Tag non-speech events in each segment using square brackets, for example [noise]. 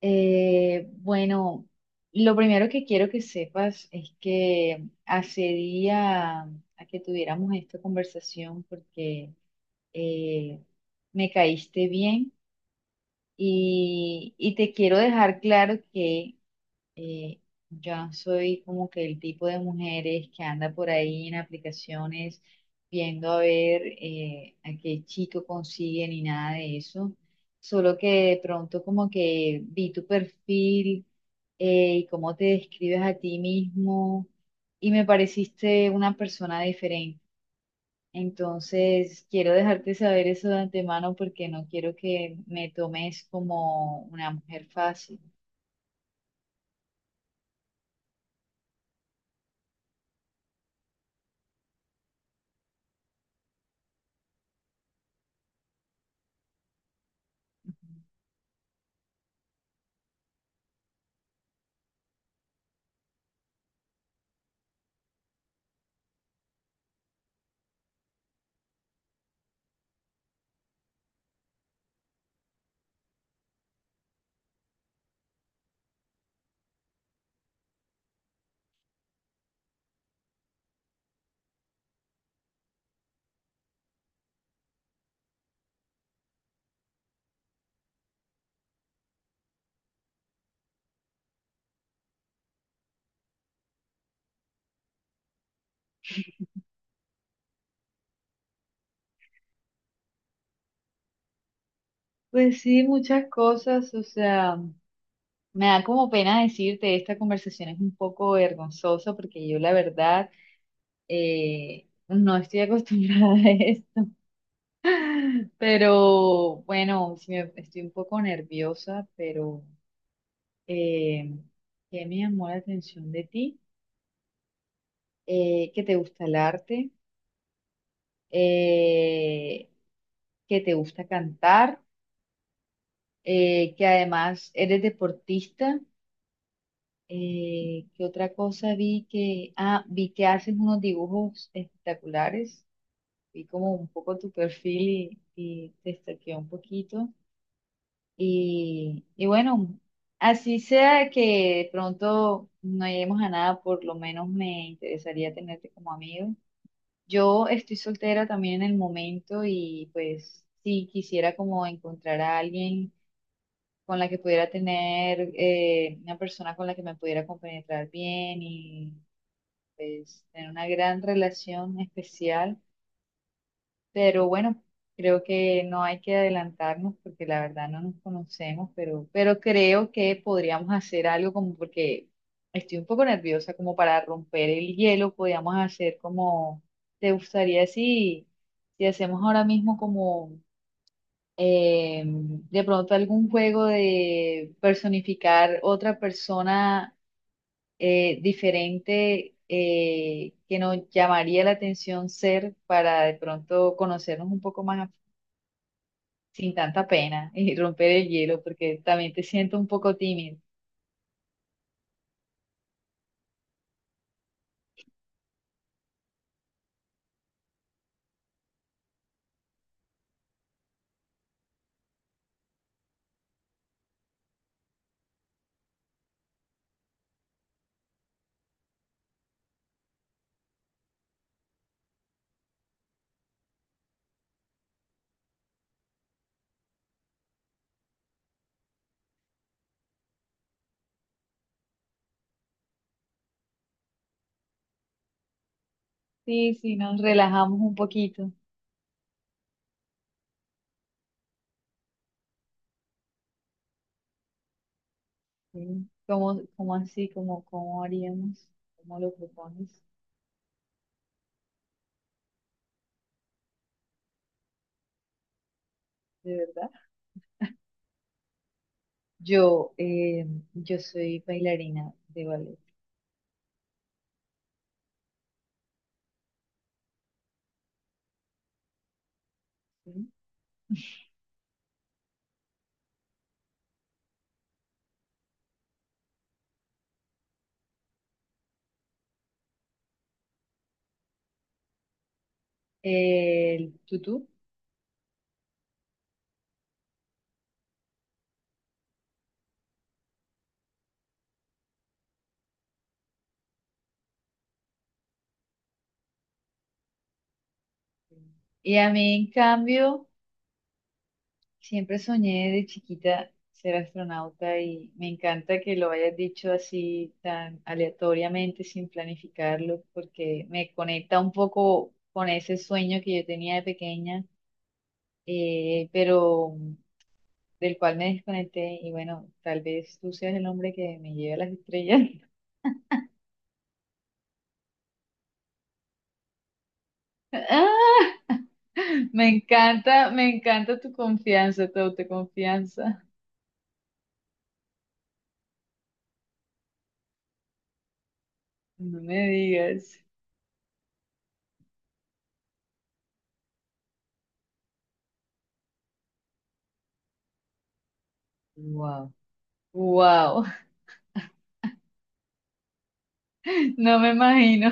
Eh, bueno, lo primero que quiero que sepas es que accedía a que tuviéramos esta conversación porque eh, me caíste bien y te quiero dejar claro que eh, ya soy como que el tipo de mujeres que anda por ahí en aplicaciones viendo a ver a qué chico consigue ni nada de eso. Solo que de pronto como que vi tu perfil y cómo te describes a ti mismo y me pareciste una persona diferente. Entonces, quiero dejarte saber eso de antemano porque no quiero que me tomes como una mujer fácil. Pues sí, muchas cosas, o sea, me da como pena decirte, esta conversación es un poco vergonzosa porque yo la verdad no estoy [laughs] acostumbrada a esto, [laughs] pero bueno, estoy un poco nerviosa, pero eh, ¿qué me llamó la atención de ti? Que te gusta el arte, eh, que te gusta cantar, que además eres deportista. ¿Qué otra cosa vi que, ah, vi que haces unos dibujos espectaculares, vi como un poco tu perfil y te stalkeé un poquito. Y bueno, así sea que de pronto no lleguemos a nada, por lo menos me interesaría tenerte como amigo. Yo estoy soltera también en el momento y pues sí quisiera como encontrar a alguien con la que pudiera tener una persona con la que me pudiera compenetrar bien y pues tener una gran relación especial, pero bueno, creo que no hay que adelantarnos porque la verdad no nos conocemos, pero creo que podríamos hacer algo como porque estoy un poco nerviosa, como para romper el hielo, podríamos hacer como, ¿te gustaría si, si hacemos ahora mismo como... de pronto algún juego de personificar otra persona diferente que nos llamaría la atención ser para de pronto conocernos un poco más sin tanta pena y romper el hielo, porque también te siento un poco tímido? Sí, sí, nos relajamos un poquito. Sí. ¿Cómo, cómo así? ¿Cómo, cómo haríamos? ¿Cómo lo propones? ¿De verdad? Yo, eh, yo soy bailarina de ballet, ¿sí? El tutú. Y a mí, en cambio, siempre soñé de chiquita ser astronauta y me encanta que lo hayas dicho así tan aleatoriamente, sin planificarlo, porque me conecta un poco con ese sueño que yo tenía de pequeña, pero del cual me desconecté y bueno, tal vez tú seas el hombre que me lleve a las estrellas. [laughs] ¡Ah! Me encanta tu confianza, tu autoconfianza. No me digas. Wow. Wow. [laughs] No me imagino.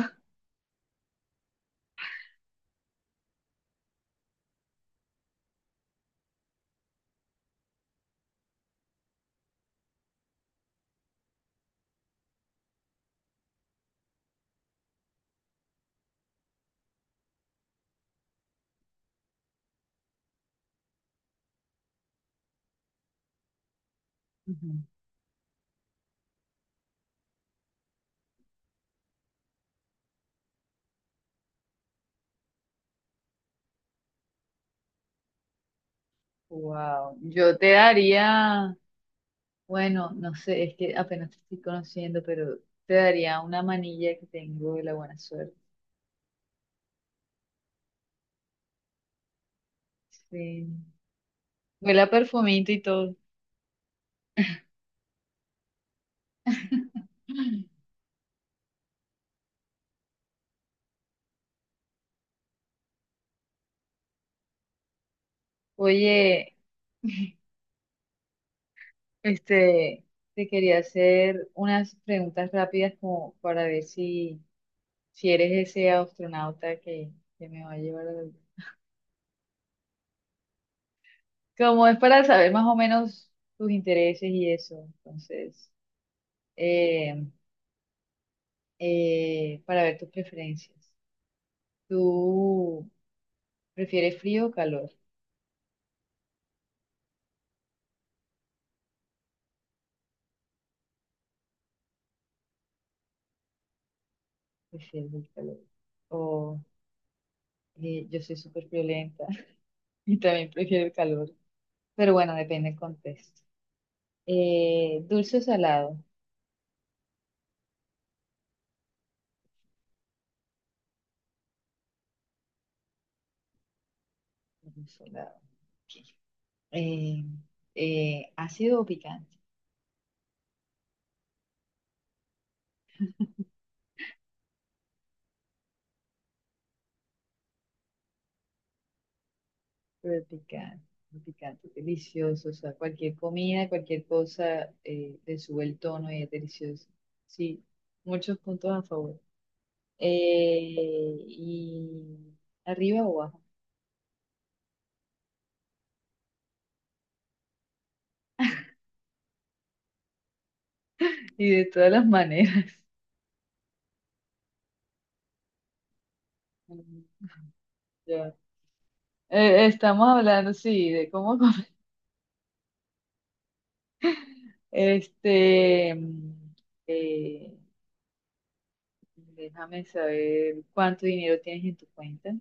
Wow, yo te daría, bueno, no sé, es que apenas te estoy conociendo, pero te daría una manilla que tengo de la buena suerte. Sí. Huele a perfumito y todo. Oye, este, te quería hacer unas preguntas rápidas como para ver si, si eres ese astronauta que me va a llevar a la luna. Como es para saber más o menos tus intereses y eso. Entonces, eh, para ver tus preferencias. ¿Tú prefieres frío o calor? Prefiero el calor. O yo soy súper violenta [laughs] y también prefiero el calor. Pero bueno, depende del contexto. ¿Dulce o salado? Dulce o salado. Ok. Eh, ¿Ácido o picante? [laughs] Pero picante, picante, delicioso. O sea, cualquier comida, cualquier cosa, le sube el tono y es delicioso. Sí, muchos puntos a favor. Y arriba o abajo, y de todas las maneras. Mm. Ya. Estamos hablando, sí, de cómo comer. [laughs] Este, mm, eh, déjame saber cuánto dinero tienes en tu cuenta.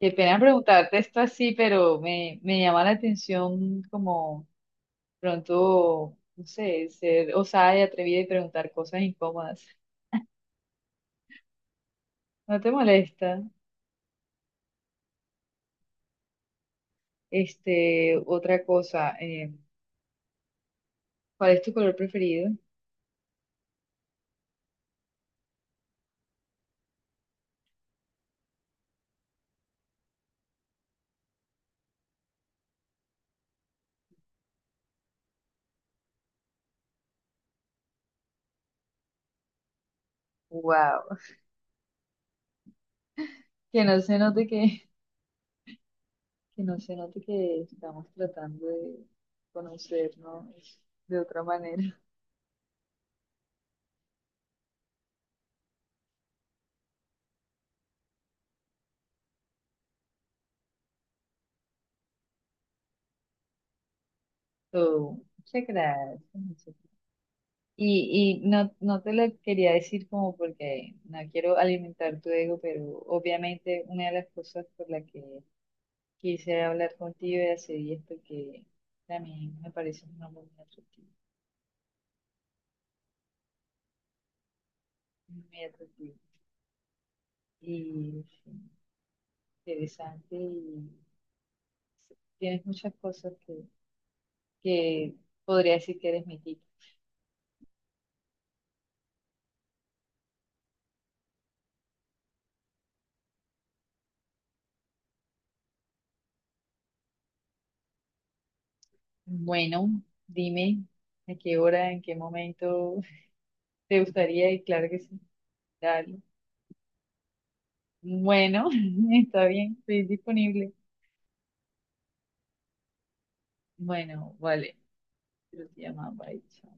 Qué pena preguntarte esto así, pero me llama la atención como pronto, no sé, ser osada y atrevida y preguntar cosas incómodas. No te molesta. Este, otra cosa, ¿cuál es tu color preferido? Wow. Que no se note que no se note que estamos tratando de conocernos de otra manera. Oh, muchas gracias. Muchas gracias. Y no, no te lo quería decir como porque no quiero alimentar tu ego, pero obviamente una de las cosas por la que quise hablar contigo y hacer esto que también me parece un hombre muy atractivo y sí, interesante y tienes muchas cosas que podría decir que eres mi tipo. Bueno, dime a qué hora, en qué momento [laughs] te gustaría y claro que sí, dale. Bueno, [laughs] está bien, estoy disponible. Bueno, vale, pero te llamaba, bye, chao.